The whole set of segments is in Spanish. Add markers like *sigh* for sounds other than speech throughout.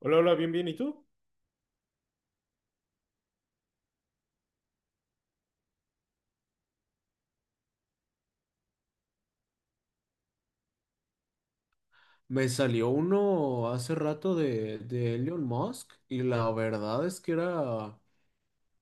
Hola, hola, bien, bien, ¿y tú? Me salió uno hace rato de Elon Musk y la verdad es que era,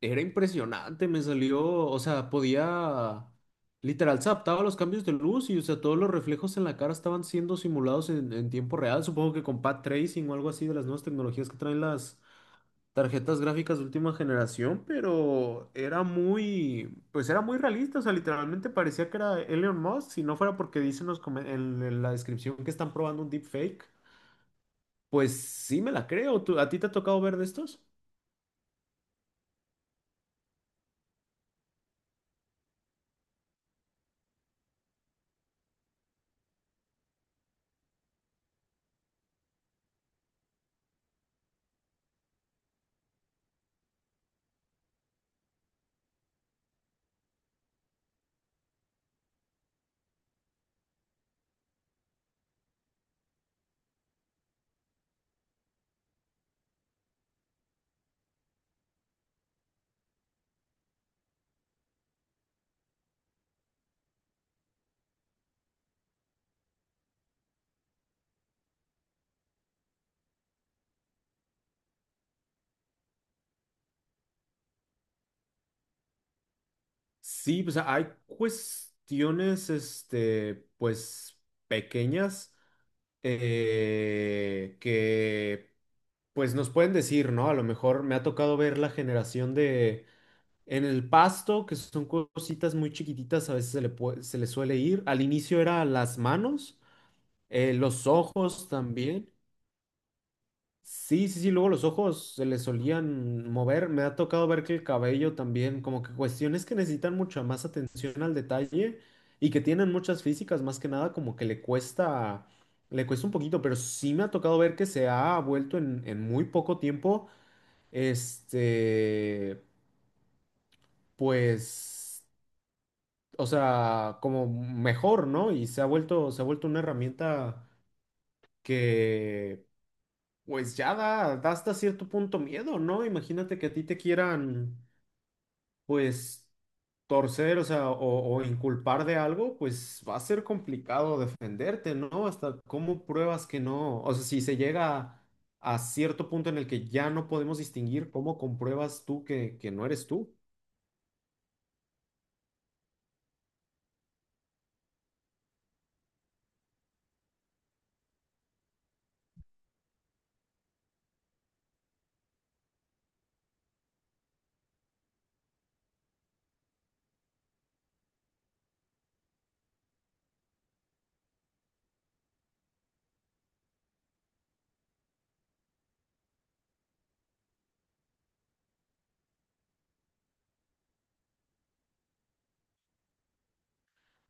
era impresionante. Me salió, o sea, podía, literal, se adaptaba a los cambios de luz y, o sea, todos los reflejos en la cara estaban siendo simulados en tiempo real. Supongo que con path tracing o algo así de las nuevas tecnologías que traen las, tarjetas gráficas de última generación, pero era muy, pues era muy realista, o sea, literalmente parecía que era Elon Musk, si no fuera porque dicen los come- en la descripción que están probando un deepfake, pues sí me la creo. ¿Tú- a ti te ha tocado ver de estos? Sí, pues hay cuestiones, este, pues pequeñas que, pues nos pueden decir, ¿no? A lo mejor me ha tocado ver la generación de en el pasto, que son cositas muy chiquititas, a veces se le puede- se le suele ir. Al inicio era las manos, los ojos también. Sí, sí, sí, luego los ojos se le solían mover. Me ha tocado ver que el cabello también, como que cuestiones que necesitan mucha más atención al detalle y que tienen muchas físicas, más que nada, como que le cuesta un poquito, pero sí me ha tocado ver que se ha vuelto en muy poco tiempo, este, pues, o sea, como mejor, ¿no? Y se ha vuelto una herramienta que, pues ya da, da hasta cierto punto miedo, ¿no? Imagínate que a ti te quieran, pues, torcer, o sea, o inculpar de algo, pues va a ser complicado defenderte, ¿no? Hasta cómo pruebas que no, o sea, si se llega a, cierto punto en el que ya no podemos distinguir, ¿cómo compruebas tú que no eres tú?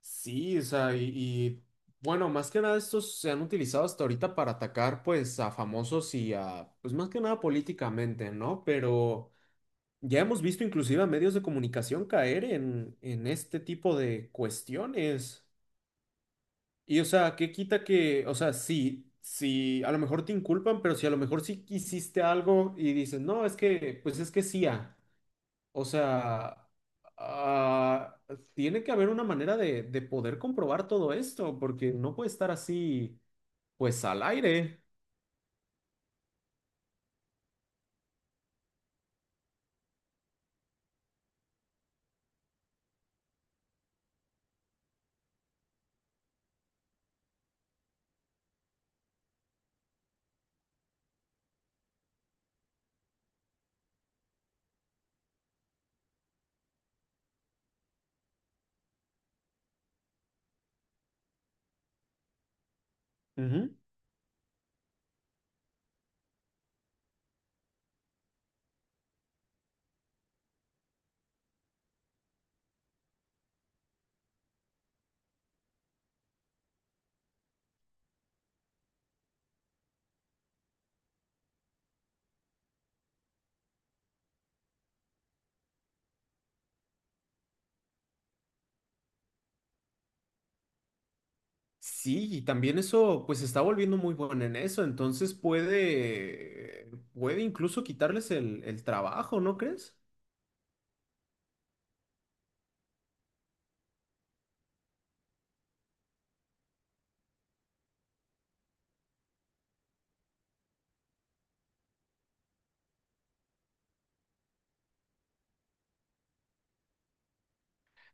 Sí, o sea, y, bueno, más que nada estos se han utilizado hasta ahorita para atacar pues a famosos y a, pues más que nada políticamente, ¿no? Pero ya hemos visto inclusive a medios de comunicación caer en este tipo de cuestiones. Y o sea, ¿qué quita que, o sea, sí, sí, a lo mejor te inculpan, pero si a lo mejor sí hiciste algo y dices, no, es que, pues es que sí, o sea, ah, tiene que haber una manera de poder comprobar todo esto, porque no puede estar así, pues al aire. Ujú. Sí, y también eso, pues se está volviendo muy bueno en eso, entonces puede, puede incluso quitarles el trabajo, ¿no crees?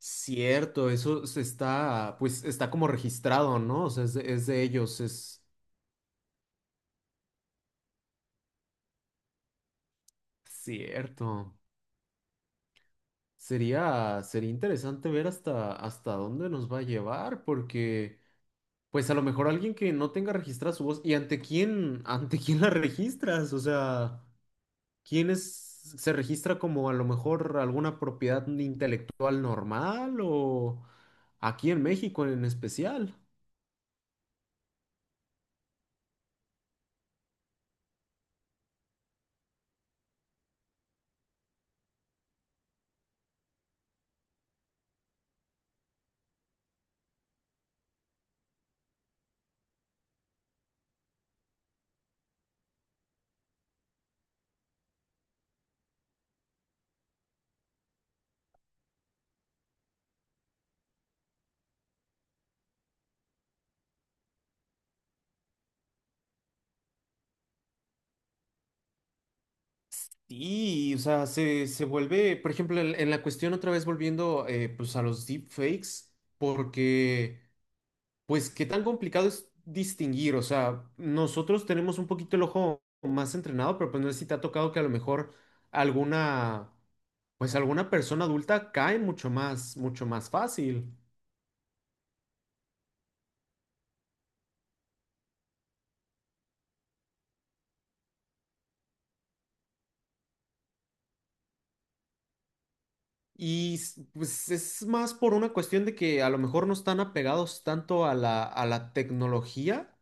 Cierto, eso se está, pues está como registrado, ¿no? O sea, es de ellos, es cierto. Sería, sería interesante ver hasta, hasta dónde nos va a llevar, porque pues a lo mejor alguien que no tenga registrada su voz, ¿y ante quién, *laughs* ante quién la registras? O sea, ¿quién es, se registra como a lo mejor alguna propiedad intelectual normal o aquí en México en especial? Y, o sea, se vuelve, por ejemplo, en la cuestión otra vez volviendo pues a los deepfakes, porque... Pues qué tan complicado es distinguir, o sea, nosotros tenemos un poquito el ojo más entrenado, pero pues no sé si te ha tocado que a lo mejor alguna, pues alguna persona adulta cae mucho más fácil. Y s- pues es más por una cuestión de que a lo mejor no están apegados tanto a la tecnología.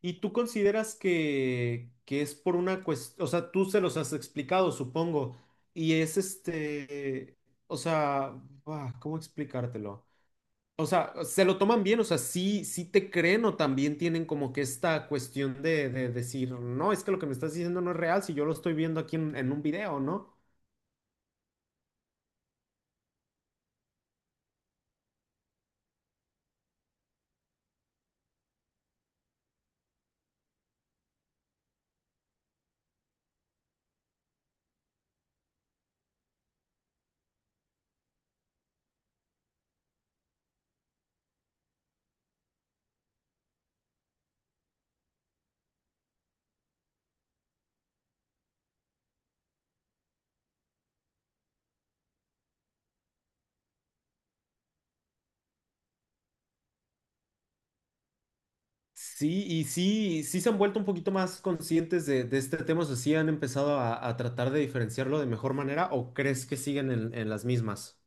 ¿Y tú consideras que es por una cuestión, o sea, tú se los has explicado, supongo, y es este, o sea, ¿cómo explicártelo? O sea, se lo toman bien, o sea, sí, sí te creen o también tienen como que esta cuestión de decir, no, es que lo que me estás diciendo no es real si yo lo estoy viendo aquí en un video, ¿no? Sí, y sí, sí se han vuelto un poquito más conscientes de este tema, o sea, sí han empezado a tratar de diferenciarlo de mejor manera o crees que siguen en las mismas.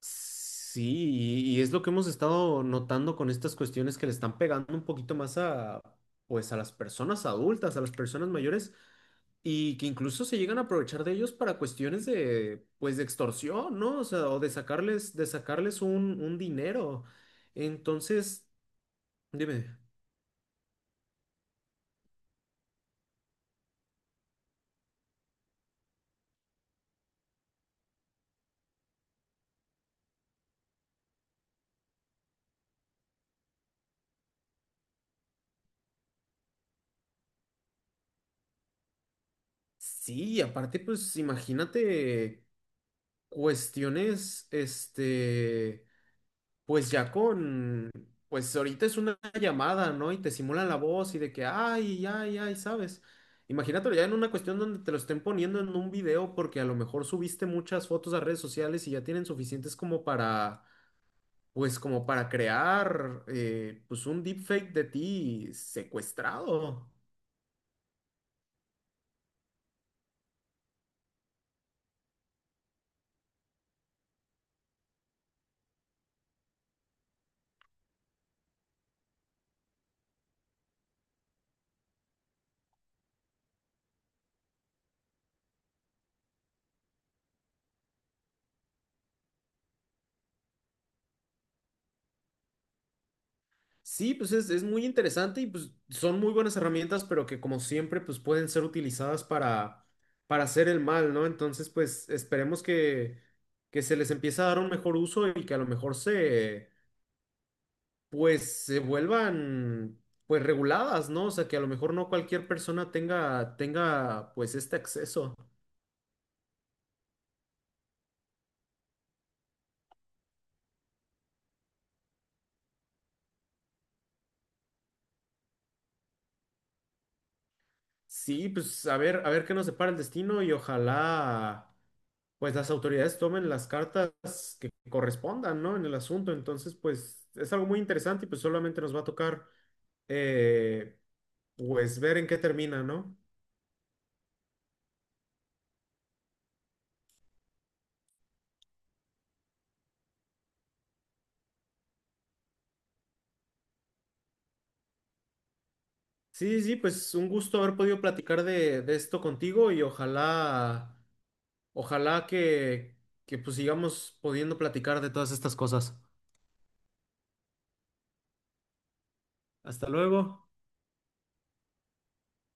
Sí, y es lo que hemos estado notando con estas cuestiones que le están pegando un poquito más a, pues, a las personas adultas, a las personas mayores. Y que incluso se llegan a aprovechar de ellos para cuestiones de, pues, de extorsión, ¿no? O sea, o de sacarles un dinero. Entonces, dime, sí, y aparte, pues, imagínate cuestiones, este, pues ya con, pues ahorita es una llamada, ¿no? Y te simulan la voz y de que, ay, ay, ay, ¿sabes? Imagínatelo ya en una cuestión donde te lo estén poniendo en un video porque a lo mejor subiste muchas fotos a redes sociales y ya tienen suficientes como para, pues como para crear pues un deepfake de ti secuestrado. Sí, pues es muy interesante y pues son muy buenas herramientas, pero que como siempre pues pueden ser utilizadas para hacer el mal, ¿no? Entonces pues esperemos que se les empiece a dar un mejor uso y que a lo mejor se pues se vuelvan pues reguladas, ¿no? O sea, que a lo mejor no cualquier persona tenga, tenga pues este acceso. Sí, pues a ver qué nos depara el destino y ojalá pues las autoridades tomen las cartas que correspondan, ¿no? En el asunto. Entonces, pues es algo muy interesante y pues solamente nos va a tocar eh, pues ver en qué termina, ¿no? Sí, sí, sí, pues un gusto haber podido platicar de esto contigo y ojalá, ojalá que pues sigamos pudiendo platicar de todas estas cosas. Hasta luego.